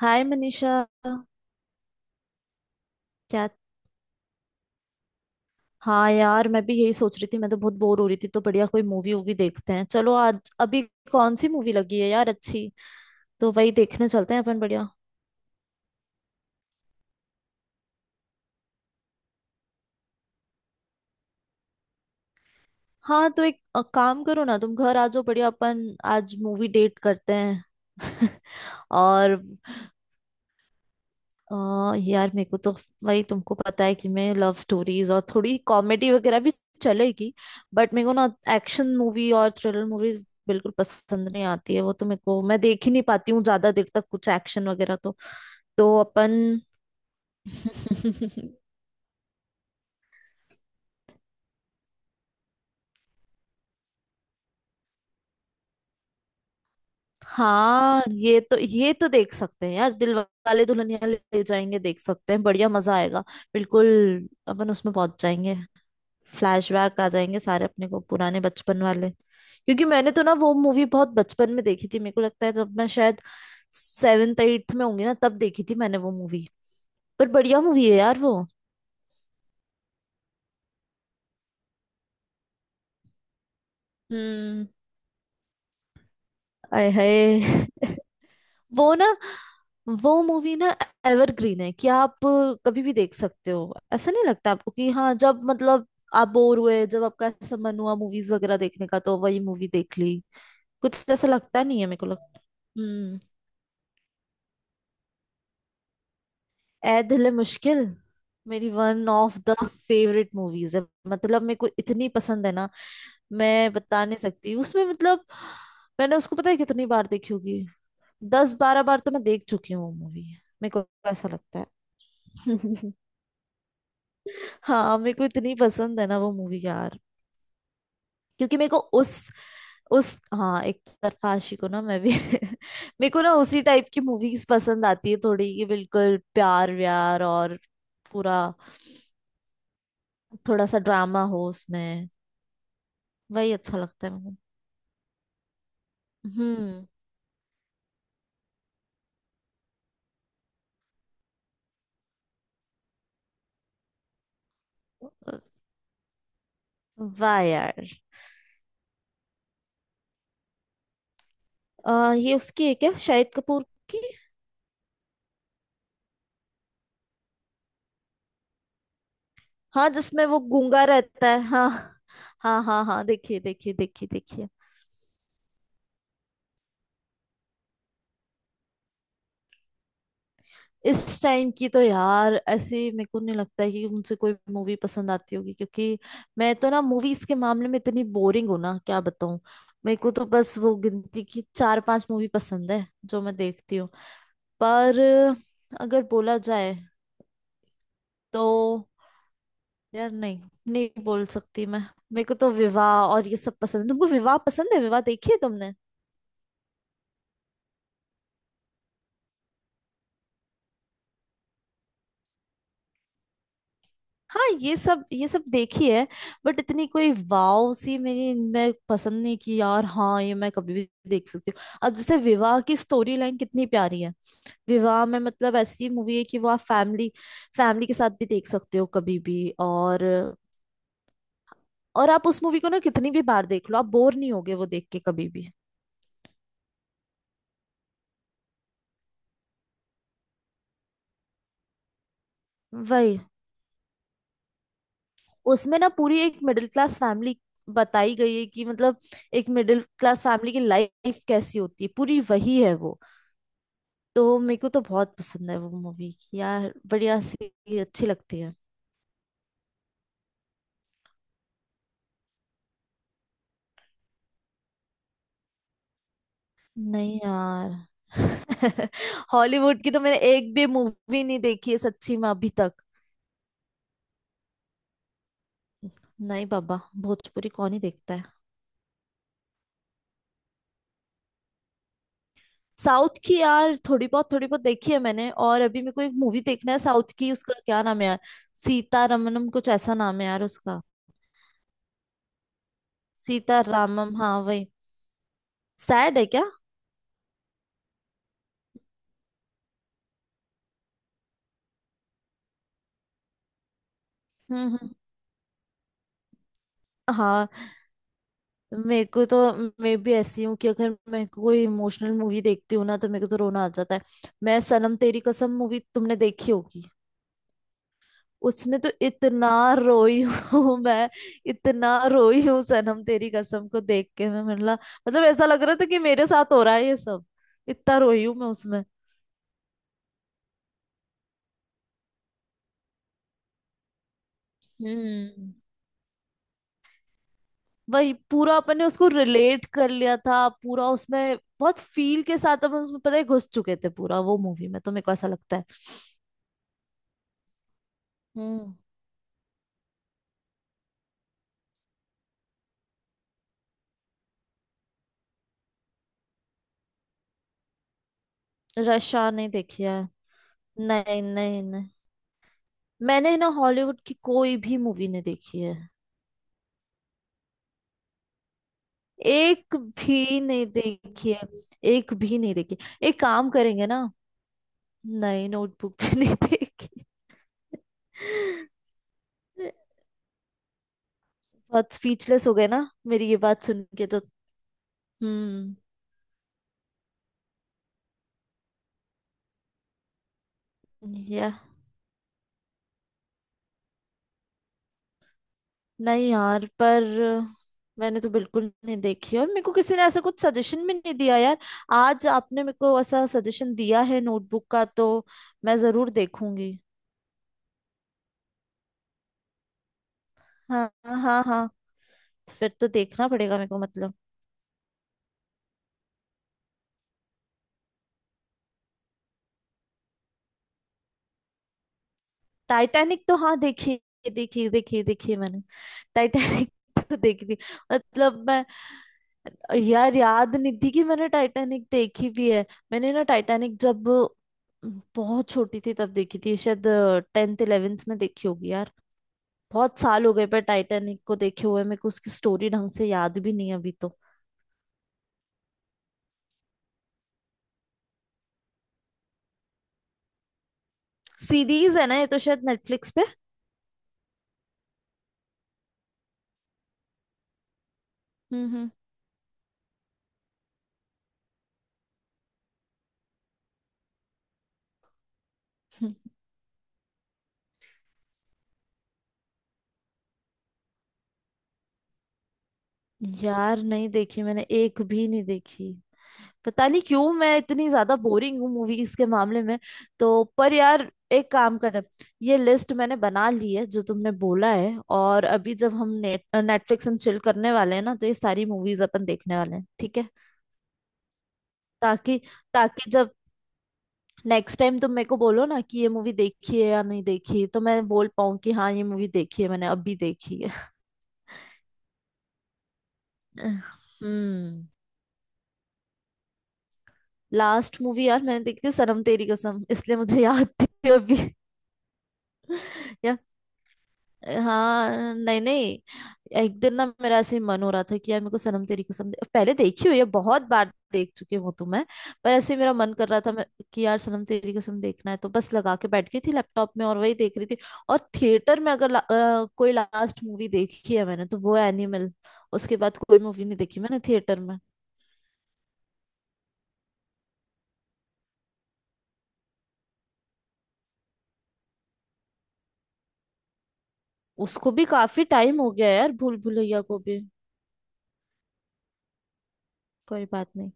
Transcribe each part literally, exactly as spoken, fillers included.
हाय मनीषा। क्या हाँ यार, मैं भी यही सोच रही थी, मैं तो बहुत बोर हो रही थी तो बढ़िया कोई मूवी वूवी देखते हैं, चलो आज अभी। कौन सी मूवी लगी है यार अच्छी? तो वही देखने चलते हैं अपन, बढ़िया। हाँ तो एक अ, काम करो ना, तुम घर आ जाओ, बढ़िया अपन आज मूवी डेट करते हैं। और अ, यार मेरे को तो वही, तुमको पता है कि मैं लव स्टोरीज और थोड़ी कॉमेडी वगैरह भी चलेगी। बट मेरे को ना एक्शन मूवी और थ्रिलर मूवी बिल्कुल पसंद नहीं आती है, वो तो मेरे को मैं देख ही नहीं पाती हूँ ज्यादा देर तक, कुछ एक्शन वगैरह तो। तो अपन हाँ ये तो ये तो देख सकते हैं यार, दिल वाले दुल्हनिया ले जाएंगे देख सकते हैं बढ़िया, मजा आएगा बिल्कुल। अपन उसमें पहुंच जाएंगे, फ्लैशबैक आ जाएंगे सारे अपने को पुराने बचपन वाले, क्योंकि मैंने तो ना वो मूवी बहुत बचपन में देखी थी, मेरे को लगता है जब मैं शायद सेवेंथ एट्थ में होंगी ना तब देखी थी मैंने वो मूवी, पर बढ़िया मूवी है यार वो। हम्म। आय हाय। वो ना, वो मूवी ना एवरग्रीन है कि आप कभी भी देख सकते हो, ऐसा नहीं लगता आपको कि हाँ जब मतलब आप बोर हुए, जब आपका ऐसा मन हुआ मूवीज वगैरह देखने का तो वही मूवी देख ली, कुछ ऐसा लगता नहीं है मेरे को, लगता। ए दिल है मुश्किल मेरी one of the favourite movies है, मतलब मेरे को इतनी पसंद है ना, मैं बता नहीं सकती उसमें, मतलब मैंने उसको पता है कितनी बार देखी होगी। दस बारह बार तो मैं देख चुकी हूँ वो मूवी, मेरे को ऐसा लगता है। हाँ मेरे को इतनी पसंद है ना वो मूवी यार, क्योंकि मेरे को उस उस हाँ, एक तरफा आशिक हूँ ना मैं भी। मेरे को ना उसी टाइप की मूवीज पसंद आती है थोड़ी, कि बिल्कुल प्यार व्यार और पूरा, थोड़ा सा ड्रामा हो उसमें, वही अच्छा लगता है मुझे। हम्म। वाह यार। आ, ये उसकी है क्या, शाहिद कपूर की? हाँ जिसमें वो गूंगा रहता है, हाँ। हाँ हाँ हाँ, देखिए देखिए देखिए देखिए। इस टाइम की तो यार ऐसे मेरे को नहीं लगता है कि मुझसे कोई मूवी पसंद आती होगी, क्योंकि मैं तो ना मूवीज के मामले में इतनी बोरिंग हूँ ना, क्या बताऊँ। मेरे को तो बस वो गिनती की चार पांच मूवी पसंद है जो मैं देखती हूँ। पर अगर बोला जाए तो यार, नहीं नहीं बोल सकती मैं। मेरे को तो विवाह और ये सब पसंद है, तुमको विवाह पसंद है? विवाह देखी है तुमने? हाँ ये सब ये सब देखी है, बट इतनी कोई वाव सी मेरी मैं पसंद नहीं की यार, हाँ ये मैं कभी भी देख सकती हूँ, अब जैसे विवाह की स्टोरी लाइन कितनी प्यारी है। विवाह में मतलब ऐसी मूवी है कि वो आप फैमिली फैमिली के साथ भी देख सकते हो कभी भी, और और आप उस मूवी को ना कितनी भी बार देख लो आप बोर नहीं होगे वो देख के कभी भी, वही। उसमें ना पूरी एक मिडिल क्लास फैमिली बताई गई है कि मतलब एक मिडिल क्लास फैमिली की लाइफ कैसी होती है, पूरी वही है वो। तो मेरे को तो बहुत पसंद है वो मूवी यार, बढ़िया सी अच्छी लगती है। नहीं यार। हॉलीवुड की तो मैंने एक भी मूवी नहीं देखी है सच्ची में अभी तक। नहीं बाबा, भोजपुरी कौन ही देखता है। साउथ की यार थोड़ी बहुत थोड़ी बहुत देखी है मैंने, और अभी मेरे को एक मूवी देखना है साउथ की, उसका क्या नाम है यार? सीता रमनम, कुछ ऐसा नाम है यार उसका। सीतारामम हाँ वही। सैड है क्या? हम्म हम्म। हाँ मेरे को तो, मैं भी ऐसी हूँ कि अगर मैं कोई इमोशनल मूवी देखती हूँ ना तो मेरे को तो रोना आ जाता है। मैं सनम तेरी कसम मूवी तुमने देखी होगी? उसमें तो इतना रोई हूँ मैं, इतना रोई हूँ सनम तेरी कसम को देख के मैं, मतलब मतलब ऐसा लग रहा था कि मेरे साथ हो रहा है ये सब, इतना रोई हूँ मैं उसमें। हम्म। वही, पूरा अपन ने उसको रिलेट कर लिया था, पूरा उसमें बहुत फील के साथ अपन उसमें पता है घुस चुके थे पूरा वो मूवी में, तो मेरे को ऐसा लगता है। हम्म। रशा नहीं देखी है। नहीं नहीं नहीं, मैंने ना हॉलीवुड की कोई भी मूवी नहीं देखी है, एक भी नहीं देखी है, एक भी नहीं देखी। एक काम करेंगे ना, नहीं नोटबुक भी नहीं देखी। बहुत स्पीचलेस हो गए ना मेरी ये बात सुन के तो। हम्म। नहीं यार, पर मैंने तो बिल्कुल नहीं देखी, और मेरे को किसी ने ऐसा कुछ सजेशन भी नहीं दिया यार, आज आपने मेरे को ऐसा सजेशन दिया है नोटबुक का, तो मैं जरूर देखूंगी। हाँ हाँ हाँ हाँ। फिर तो देखना पड़ेगा मेरे को मतलब। टाइटैनिक तो हाँ देखी, देखी देखी देखी मैंने। टाइटैनिक तो देखी थी, मतलब मैं, यार याद नहीं थी कि मैंने टाइटैनिक देखी भी है, मैंने ना टाइटैनिक जब बहुत छोटी थी तब देखी थी शायद, टेंथ इलेवेंथ में देखी होगी यार, बहुत साल हो गए पर टाइटैनिक को देखे हुए, मेरे को उसकी स्टोरी ढंग से याद भी नहीं है अभी तो। सीरीज है ना ये तो, शायद नेटफ्लिक्स पे। हम्म हम्म हम्म। यार नहीं देखी मैंने, एक भी नहीं देखी, पता नहीं क्यों मैं इतनी ज्यादा बोरिंग हूँ मूवीज के मामले में। तो पर यार, एक काम करें, ये लिस्ट मैंने बना ली है जो तुमने बोला है, और अभी जब हम नेट नेटफ्लिक्स एंड चिल करने वाले हैं ना तो ये सारी मूवीज अपन देखने वाले हैं, ठीक है? ताकि, ताकि जब नेक्स्ट टाइम तुम मेरे को बोलो ना कि ये मूवी देखी है या नहीं देखी, तो मैं बोल पाऊँ कि हाँ ये मूवी देखी है मैंने, अभी देखी है। हम्म। लास्ट मूवी यार मैंने देखी थी सनम तेरी कसम, इसलिए मुझे याद थी अभी। हाँ नहीं नहीं, एक दिन ना मेरा ऐसे ही मन हो रहा था कि यार मेरे को सनम तेरी कसम दे- पहले देखी हुई है बहुत बार देख चुकी हूँ तो मैं, पर ऐसे ही मेरा मन कर रहा था मैं कि यार सनम तेरी कसम देखना है, तो बस लगा के बैठ गई थी लैपटॉप में और वही देख रही थी। और थिएटर में अगर ला, अ, कोई लास्ट मूवी देखी है मैंने तो वो एनिमल, उसके बाद कोई मूवी नहीं देखी मैंने थिएटर में। उसको भी काफी टाइम हो गया है यार, भूल भुलैया को भी। कोई बात नहीं,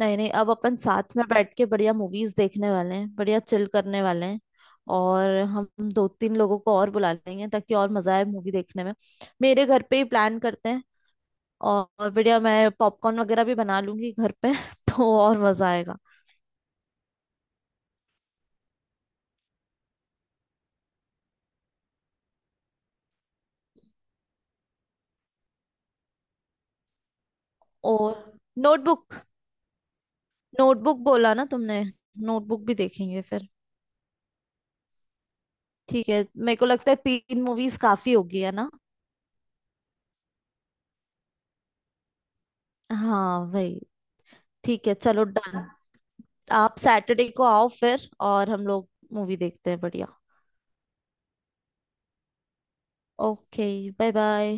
नहीं नहीं अब अपन साथ में बैठ के बढ़िया मूवीज देखने वाले हैं, बढ़िया चिल करने वाले हैं। और हम दो तीन लोगों को और बुला लेंगे ताकि और मजा आए मूवी देखने में, मेरे घर पे ही प्लान करते हैं, और और बढ़िया, मैं पॉपकॉर्न वगैरह भी बना लूंगी घर पे तो और मजा आएगा। और नोटबुक। नोटबुक बोला ना तुमने, नोटबुक भी देखेंगे फिर। ठीक है, मेरे को लगता है तीन मूवीज काफी होगी, है ना? हाँ वही, ठीक है चलो डन। आप सैटरडे को आओ फिर और हम लोग मूवी देखते हैं बढ़िया। ओके। Bye bye.